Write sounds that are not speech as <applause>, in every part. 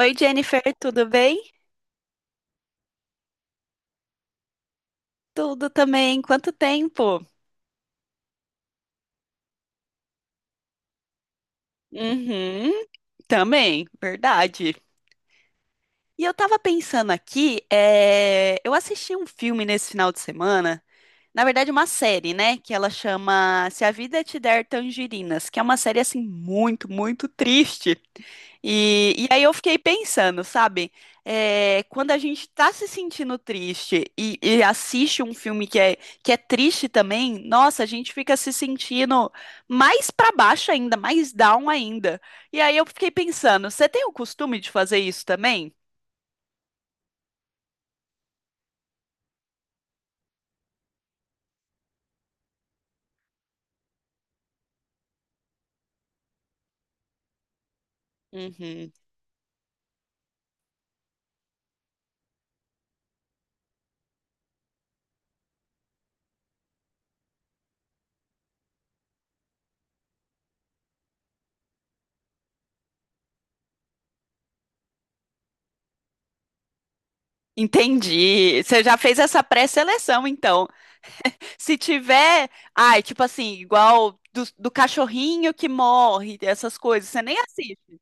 Oi, Jennifer, tudo bem? Tudo também. Quanto tempo? Uhum, também, verdade. E eu tava pensando aqui, eu assisti um filme nesse final de semana, na verdade, uma série, né? Que ela chama Se a Vida Te Der Tangerinas, que é uma série, assim, muito triste. E aí eu fiquei pensando, sabe? É, quando a gente tá se sentindo triste e assiste um filme que é triste também, nossa, a gente fica se sentindo mais pra baixo ainda, mais down ainda. E aí eu fiquei pensando, você tem o costume de fazer isso também? Uhum. Entendi. Você já fez essa pré-seleção, então. Se tiver, ai, tipo assim, igual do cachorrinho que morre, essas coisas, você nem assiste.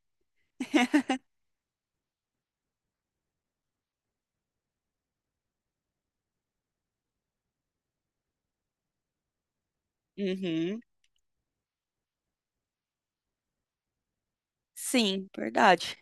Uhum. Sim, verdade.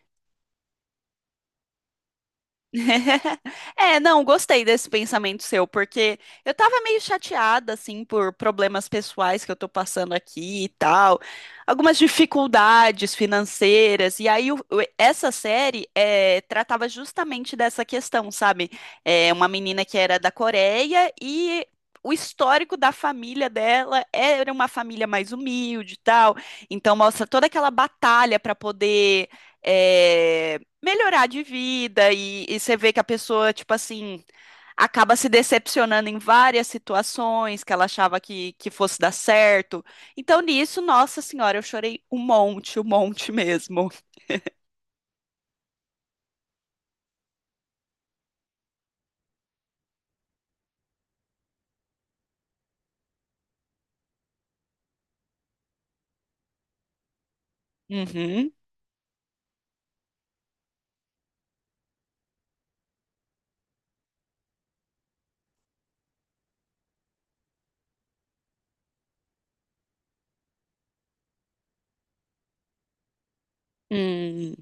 <laughs> É, não, gostei desse pensamento seu, porque eu tava meio chateada, assim, por problemas pessoais que eu tô passando aqui e tal, algumas dificuldades financeiras, e aí essa série tratava justamente dessa questão, sabe? É, uma menina que era da Coreia e. O histórico da família dela era uma família mais humilde e tal, então mostra toda aquela batalha para poder eh, melhorar de vida e você vê que a pessoa, tipo assim, acaba se decepcionando em várias situações que ela achava que fosse dar certo. Então, nisso, nossa senhora, eu chorei um monte <laughs> mesmo. Uhum. Hum,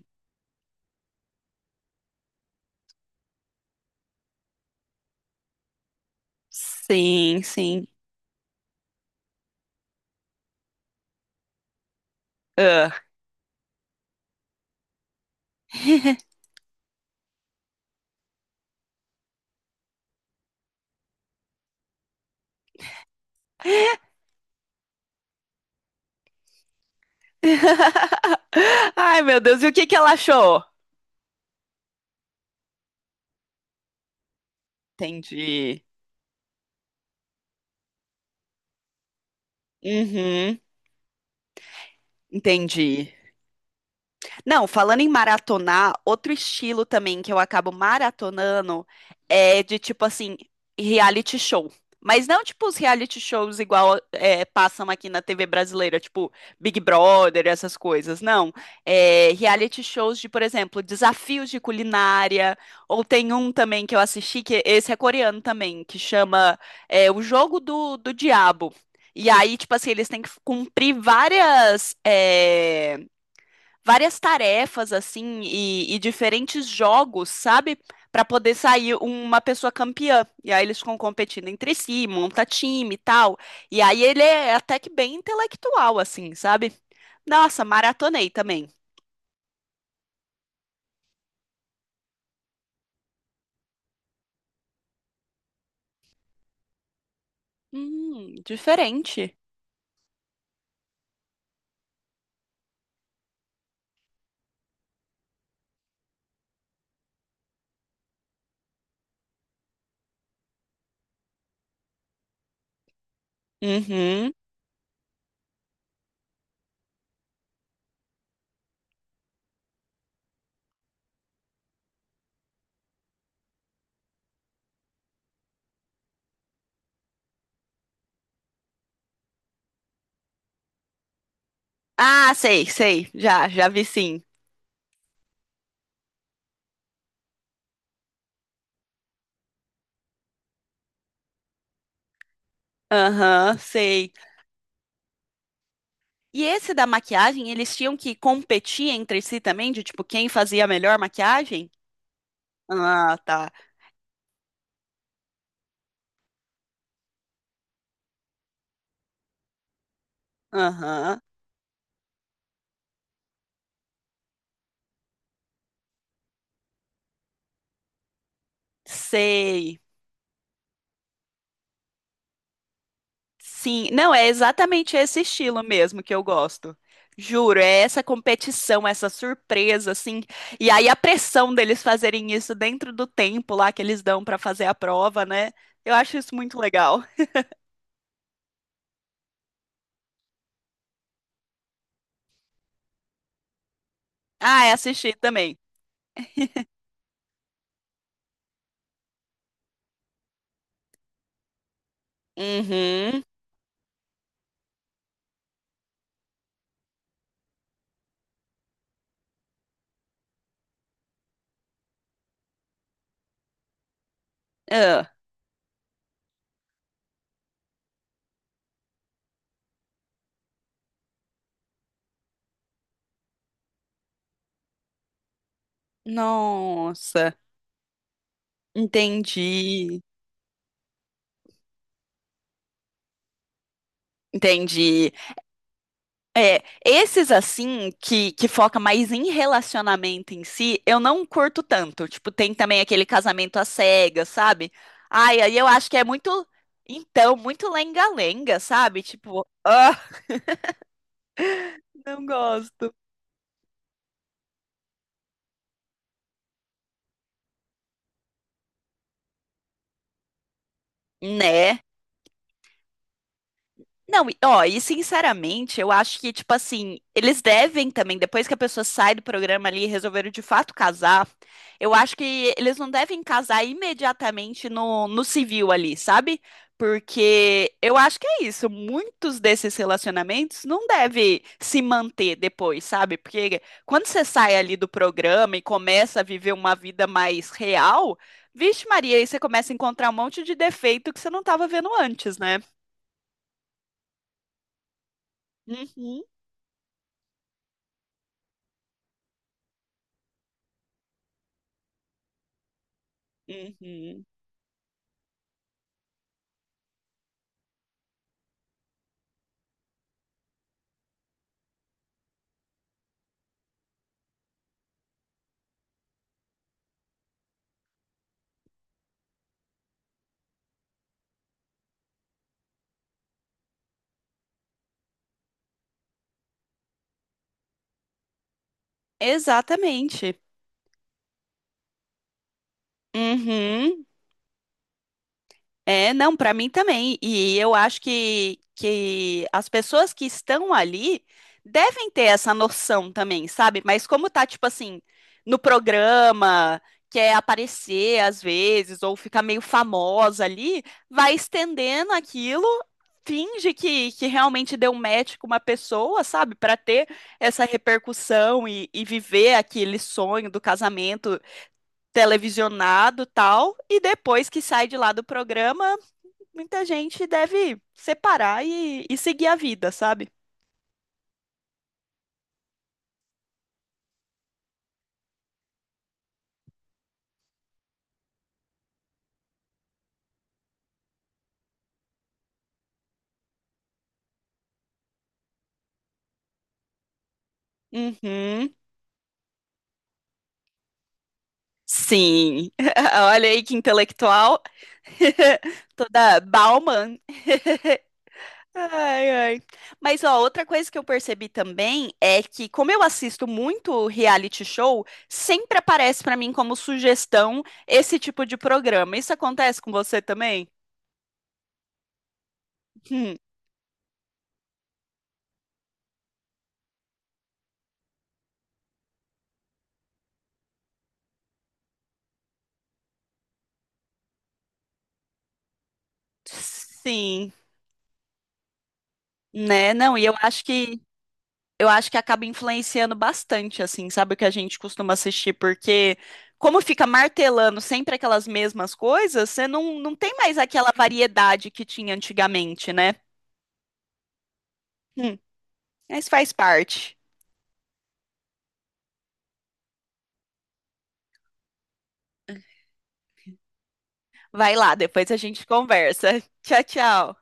sim, sim. Ah. <laughs> Ai, meu Deus, e o que que ela achou? Entendi. Uhum, entendi. Não, falando em maratonar, outro estilo também que eu acabo maratonando é de tipo assim, reality show. Mas não tipo os reality shows igual passam aqui na TV brasileira, tipo Big Brother, essas coisas. Não. É, reality shows de, por exemplo, desafios de culinária. Ou tem um também que eu assisti, que esse é coreano também, que chama O Jogo do Diabo. E aí, tipo assim, eles têm que cumprir várias. Várias tarefas assim e diferentes jogos, sabe? Pra poder sair uma pessoa campeã. E aí eles ficam competindo entre si, monta time e tal. E aí ele é até que bem intelectual, assim, sabe? Nossa, maratonei também. Diferente. Uhum. Ah, sei, sei. Já, já vi sim. Aham, sei. E esse da maquiagem, eles tinham que competir entre si também, de tipo, quem fazia a melhor maquiagem? Ah, tá. Aham. Sei. Sim. Não, é exatamente esse estilo mesmo que eu gosto. Juro, é essa competição, essa surpresa, assim. E aí a pressão deles fazerem isso dentro do tempo lá que eles dão pra fazer a prova, né? Eu acho isso muito legal. Ah, é assistir também. Uhum. Ah, nossa, entendi. Entendi. É, esses assim, que foca mais em relacionamento em si, eu não curto tanto. Tipo, tem também aquele casamento às cegas, sabe? Ai, aí eu acho que é muito, então, muito lenga-lenga, sabe? Tipo, ah, não gosto. Né? Não, e- ó, e sinceramente, eu acho que, tipo assim, eles devem também, depois que a pessoa sai do programa ali e resolveram de fato casar, eu acho que eles não devem casar imediatamente no civil ali, sabe? Porque eu acho que é isso, muitos desses relacionamentos não devem se manter depois, sabe? Porque quando você sai ali do programa e começa a viver uma vida mais real, vixe Maria, aí você começa a encontrar um monte de defeito que você não estava vendo antes, né? Uhum. Uhum. Exatamente. Uhum. É, não, para mim também. E eu acho que as pessoas que estão ali devem ter essa noção também, sabe? Mas como tá, tipo assim, no programa, quer aparecer às vezes, ou ficar meio famosa ali, vai estendendo aquilo, finge que realmente deu match com uma pessoa, sabe? Para ter essa repercussão e viver aquele sonho do casamento televisionado e tal, e depois que sai de lá do programa, muita gente deve separar e seguir a vida, sabe? Uhum. Sim. <laughs> Olha aí que intelectual. <laughs> Toda Bauman. Ai, ai. Mas ó, outra coisa que eu percebi também é que, como eu assisto muito reality show, sempre aparece pra mim como sugestão esse tipo de programa. Isso acontece com você também? <laughs> Hum, sim. Né? Não, e eu acho que acaba influenciando bastante, assim, sabe o que a gente costuma assistir, porque como fica martelando sempre aquelas mesmas coisas, você não tem mais aquela variedade que tinha antigamente, né? Hum, mas faz parte. Vai lá, depois a gente conversa. <laughs> Tchau, tchau.